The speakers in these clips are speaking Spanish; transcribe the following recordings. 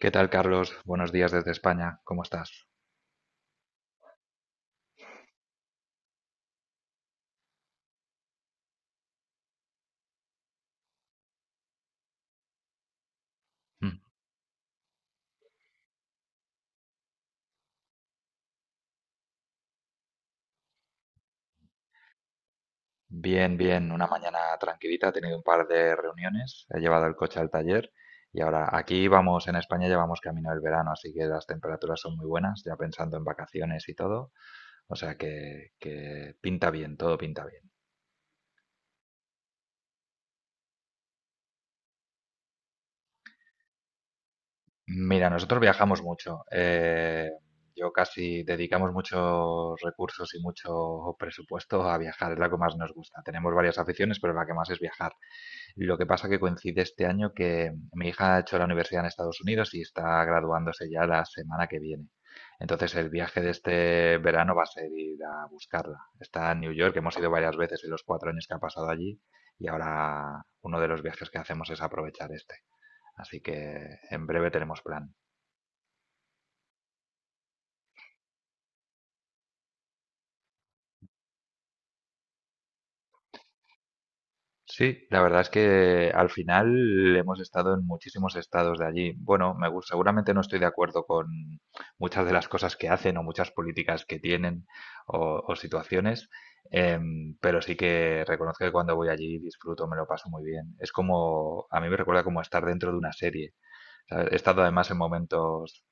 ¿Qué tal, Carlos? Buenos días desde España. ¿Cómo estás? Mm. Bien, bien. Una mañana tranquilita. He tenido un par de reuniones. He llevado el coche al taller. Y ahora aquí vamos, en España ya vamos camino del verano, así que las temperaturas son muy buenas, ya pensando en vacaciones y todo. O sea que pinta bien, todo pinta bien. Mira, nosotros viajamos mucho. Yo casi dedicamos muchos recursos y mucho presupuesto a viajar, es la que más nos gusta. Tenemos varias aficiones, pero la que más es viajar. Lo que pasa que coincide este año que mi hija ha hecho la universidad en Estados Unidos y está graduándose ya la semana que viene. Entonces el viaje de este verano va a ser ir a buscarla. Está en New York, hemos ido varias veces en los cuatro años que ha pasado allí y ahora uno de los viajes que hacemos es aprovechar este. Así que en breve tenemos plan. Sí, la verdad es que al final hemos estado en muchísimos estados de allí. Bueno, me gus- seguramente no estoy de acuerdo con muchas de las cosas que hacen o muchas políticas que tienen o situaciones, pero sí que reconozco que cuando voy allí disfruto, me lo paso muy bien. Es como, a mí me recuerda como estar dentro de una serie. ¿Sabes? He estado además en momentos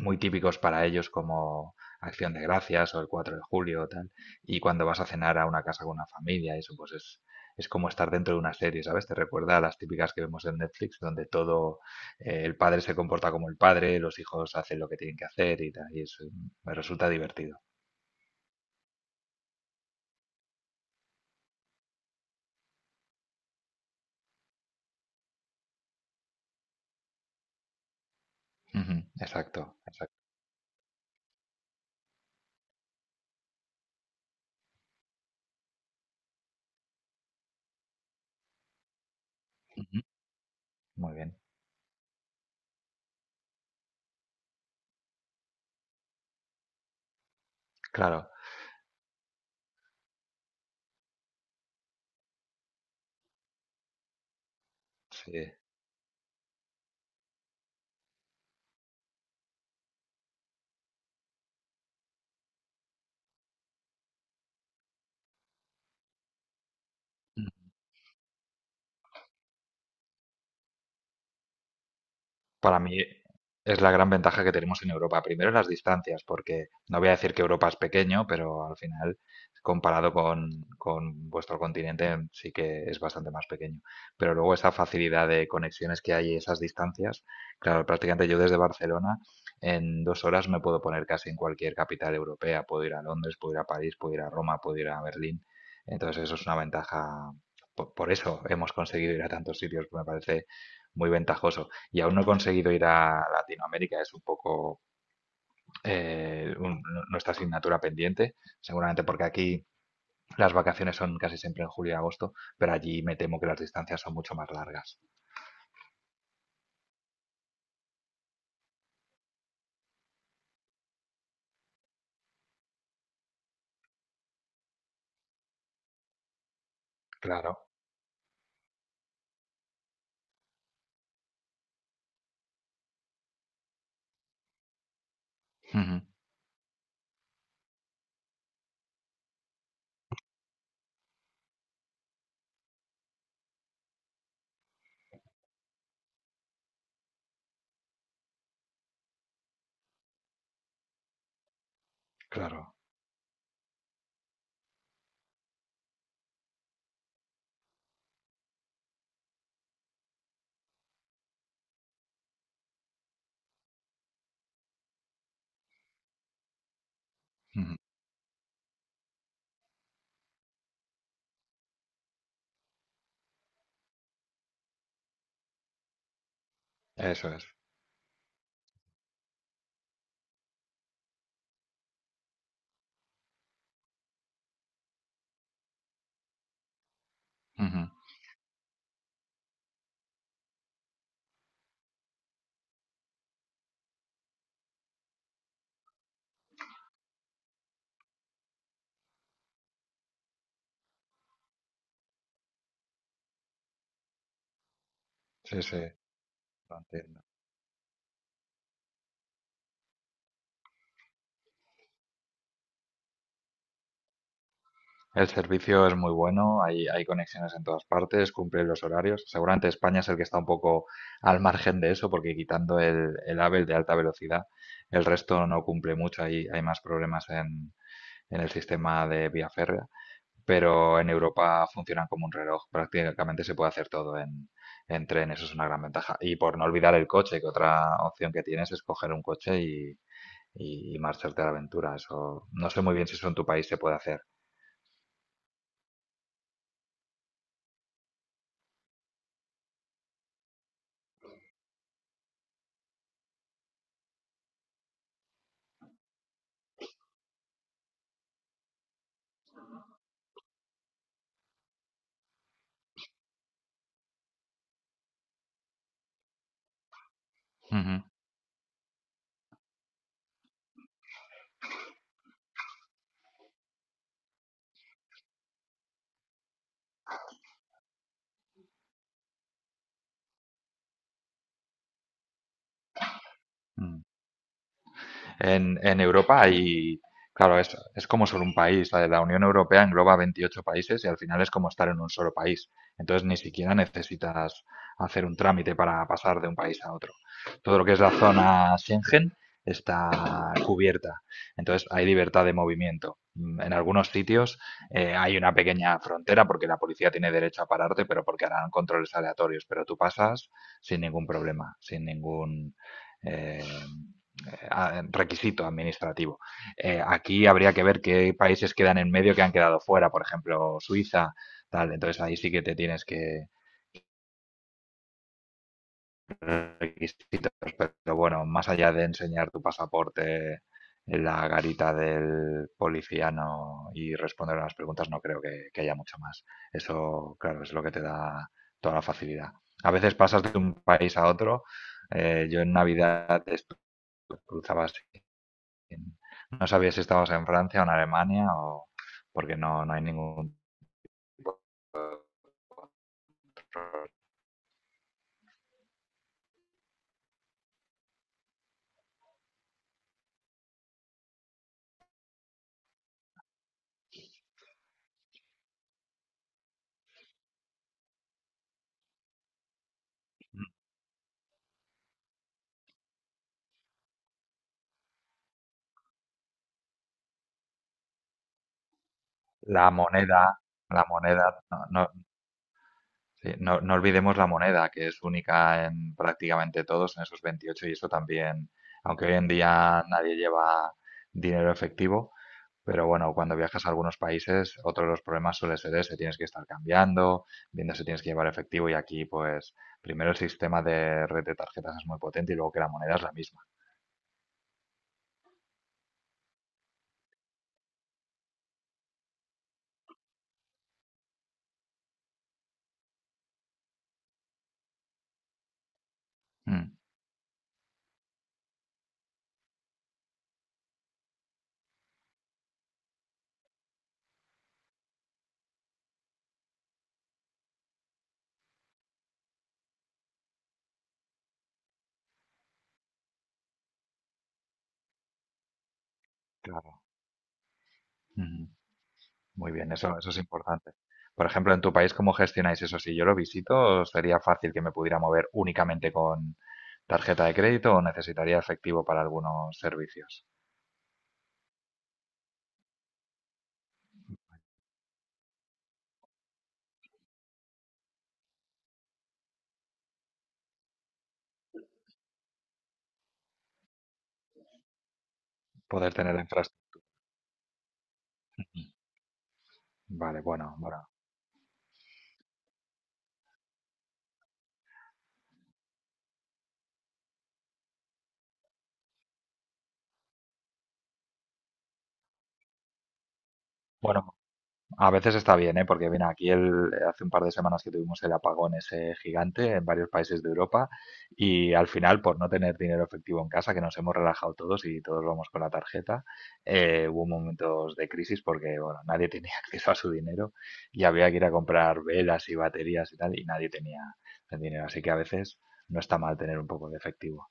muy típicos para ellos como Acción de Gracias o el 4 de julio o tal. Y cuando vas a cenar a una casa con una familia, eso pues es es como estar dentro de una serie, ¿sabes? Te recuerda a las típicas que vemos en Netflix, donde todo, el padre se comporta como el padre, los hijos hacen lo que tienen que hacer y tal. Y eso me resulta divertido. Ujú, exacto, exacto. Ujú. Muy bien. Claro, sí. Para mí es la gran ventaja que tenemos en Europa. Primero, las distancias, porque no voy a decir que Europa es pequeño, pero al final, comparado con vuestro continente, sí que es bastante más pequeño. Pero luego esa facilidad de conexiones que hay y esas distancias, claro, prácticamente yo desde Barcelona en dos horas me puedo poner casi en cualquier capital europea. Puedo ir a Londres, puedo ir a París, puedo ir a Roma, puedo ir a Berlín. Entonces eso es una ventaja. Por eso hemos conseguido ir a tantos sitios, me parece muy ventajoso y aún no he conseguido ir a Latinoamérica, es un poco no, nuestra asignatura pendiente, seguramente porque aquí las vacaciones son casi siempre en julio y agosto, pero allí me temo que las distancias son mucho más largas. Claro, ujú, claro, ujú, eso es. Ujú, sí, sí, lo entiendo. El servicio es muy bueno, hay conexiones en todas partes, cumple los horarios. Seguramente España es el que está un poco al margen de eso, porque quitando el AVE, el de alta velocidad, el resto no cumple mucho. Hay más problemas en el sistema de vía férrea, pero en Europa funcionan como un reloj. Prácticamente se puede hacer todo en tren, eso es una gran ventaja. Y por no olvidar el coche, que otra opción que tienes es coger un coche y marcharte a la aventura. Eso no sé muy bien si eso en tu país se puede hacer. Ujú. Ujú. En en Europa y, claro, es como solo un país. La de la Unión Europea engloba 28 países y al final es como estar en un solo país. Entonces ni siquiera necesitas hacer un trámite para pasar de un país a otro. Todo lo que es la zona Schengen está cubierta. Entonces hay libertad de movimiento. Mm. En algunos sitios hay una pequeña frontera porque la policía tiene derecho a pararte, pero porque harán controles aleatorios. Pero tú pasas sin ningún problema, sin ningún eh, requisito administrativo. Aquí habría que ver qué países quedan en medio que han quedado fuera, por ejemplo, Suiza, tal. Entonces ahí sí que te tienes que requisitos, pero bueno, más allá de enseñar tu pasaporte en la garita del policía no y responder a las preguntas, no creo que haya mucho más. Eso, claro, es lo que te da toda la facilidad. A veces pasas de un país a otro. Yo en Navidad cruzaba así no sabía si estabas en Francia o en Alemania o porque no hay ningún tipo de control. La moneda, la moneda, no, no, sí, no- No olvidemos la moneda, que es única en prácticamente todos, en esos 28 y eso también, aunque hoy en día nadie lleva dinero efectivo, pero bueno, cuando viajas a algunos países, otro de los problemas suele ser ese, tienes que estar cambiando, viendo si tienes que llevar efectivo, y aquí pues primero el sistema de red de tarjetas es muy potente y luego que la moneda es la misma. Mm. Claro. Ujú. Muy bien, eso es importante. Por ejemplo, en tu país, ¿cómo gestionáis eso? Si yo lo visito, ¿sería fácil que me pudiera mover únicamente con tarjeta de crédito o necesitaría efectivo para algunos servicios? Poder tener infraestructura. Vale, bueno, bueno. Bueno, a veces está bien, ¿eh? Porque mira, aquí el, hace un par de semanas que tuvimos el apagón ese gigante en varios países de Europa y al final, por no tener dinero efectivo en casa, que nos hemos relajado todos y todos vamos con la tarjeta, hubo momentos de crisis porque, bueno, nadie tenía acceso a su dinero y había que ir a comprar velas y baterías y tal y nadie tenía el dinero. Así que a veces no está mal tener un poco de efectivo.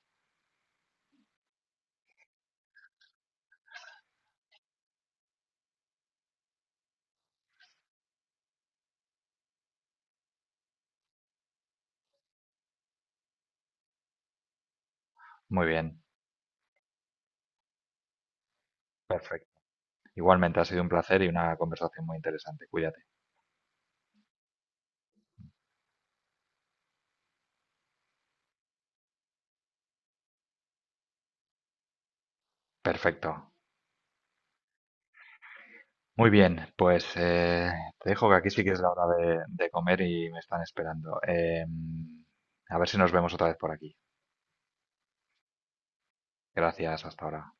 Muy bien, perfecto. Igualmente ha sido un placer y una conversación muy interesante. Cuídate. Perfecto. Muy bien, pues te dejo que aquí sí que es la hora de comer y me están esperando. Em, a ver si nos vemos otra vez por aquí. Gracias, hasta ahora.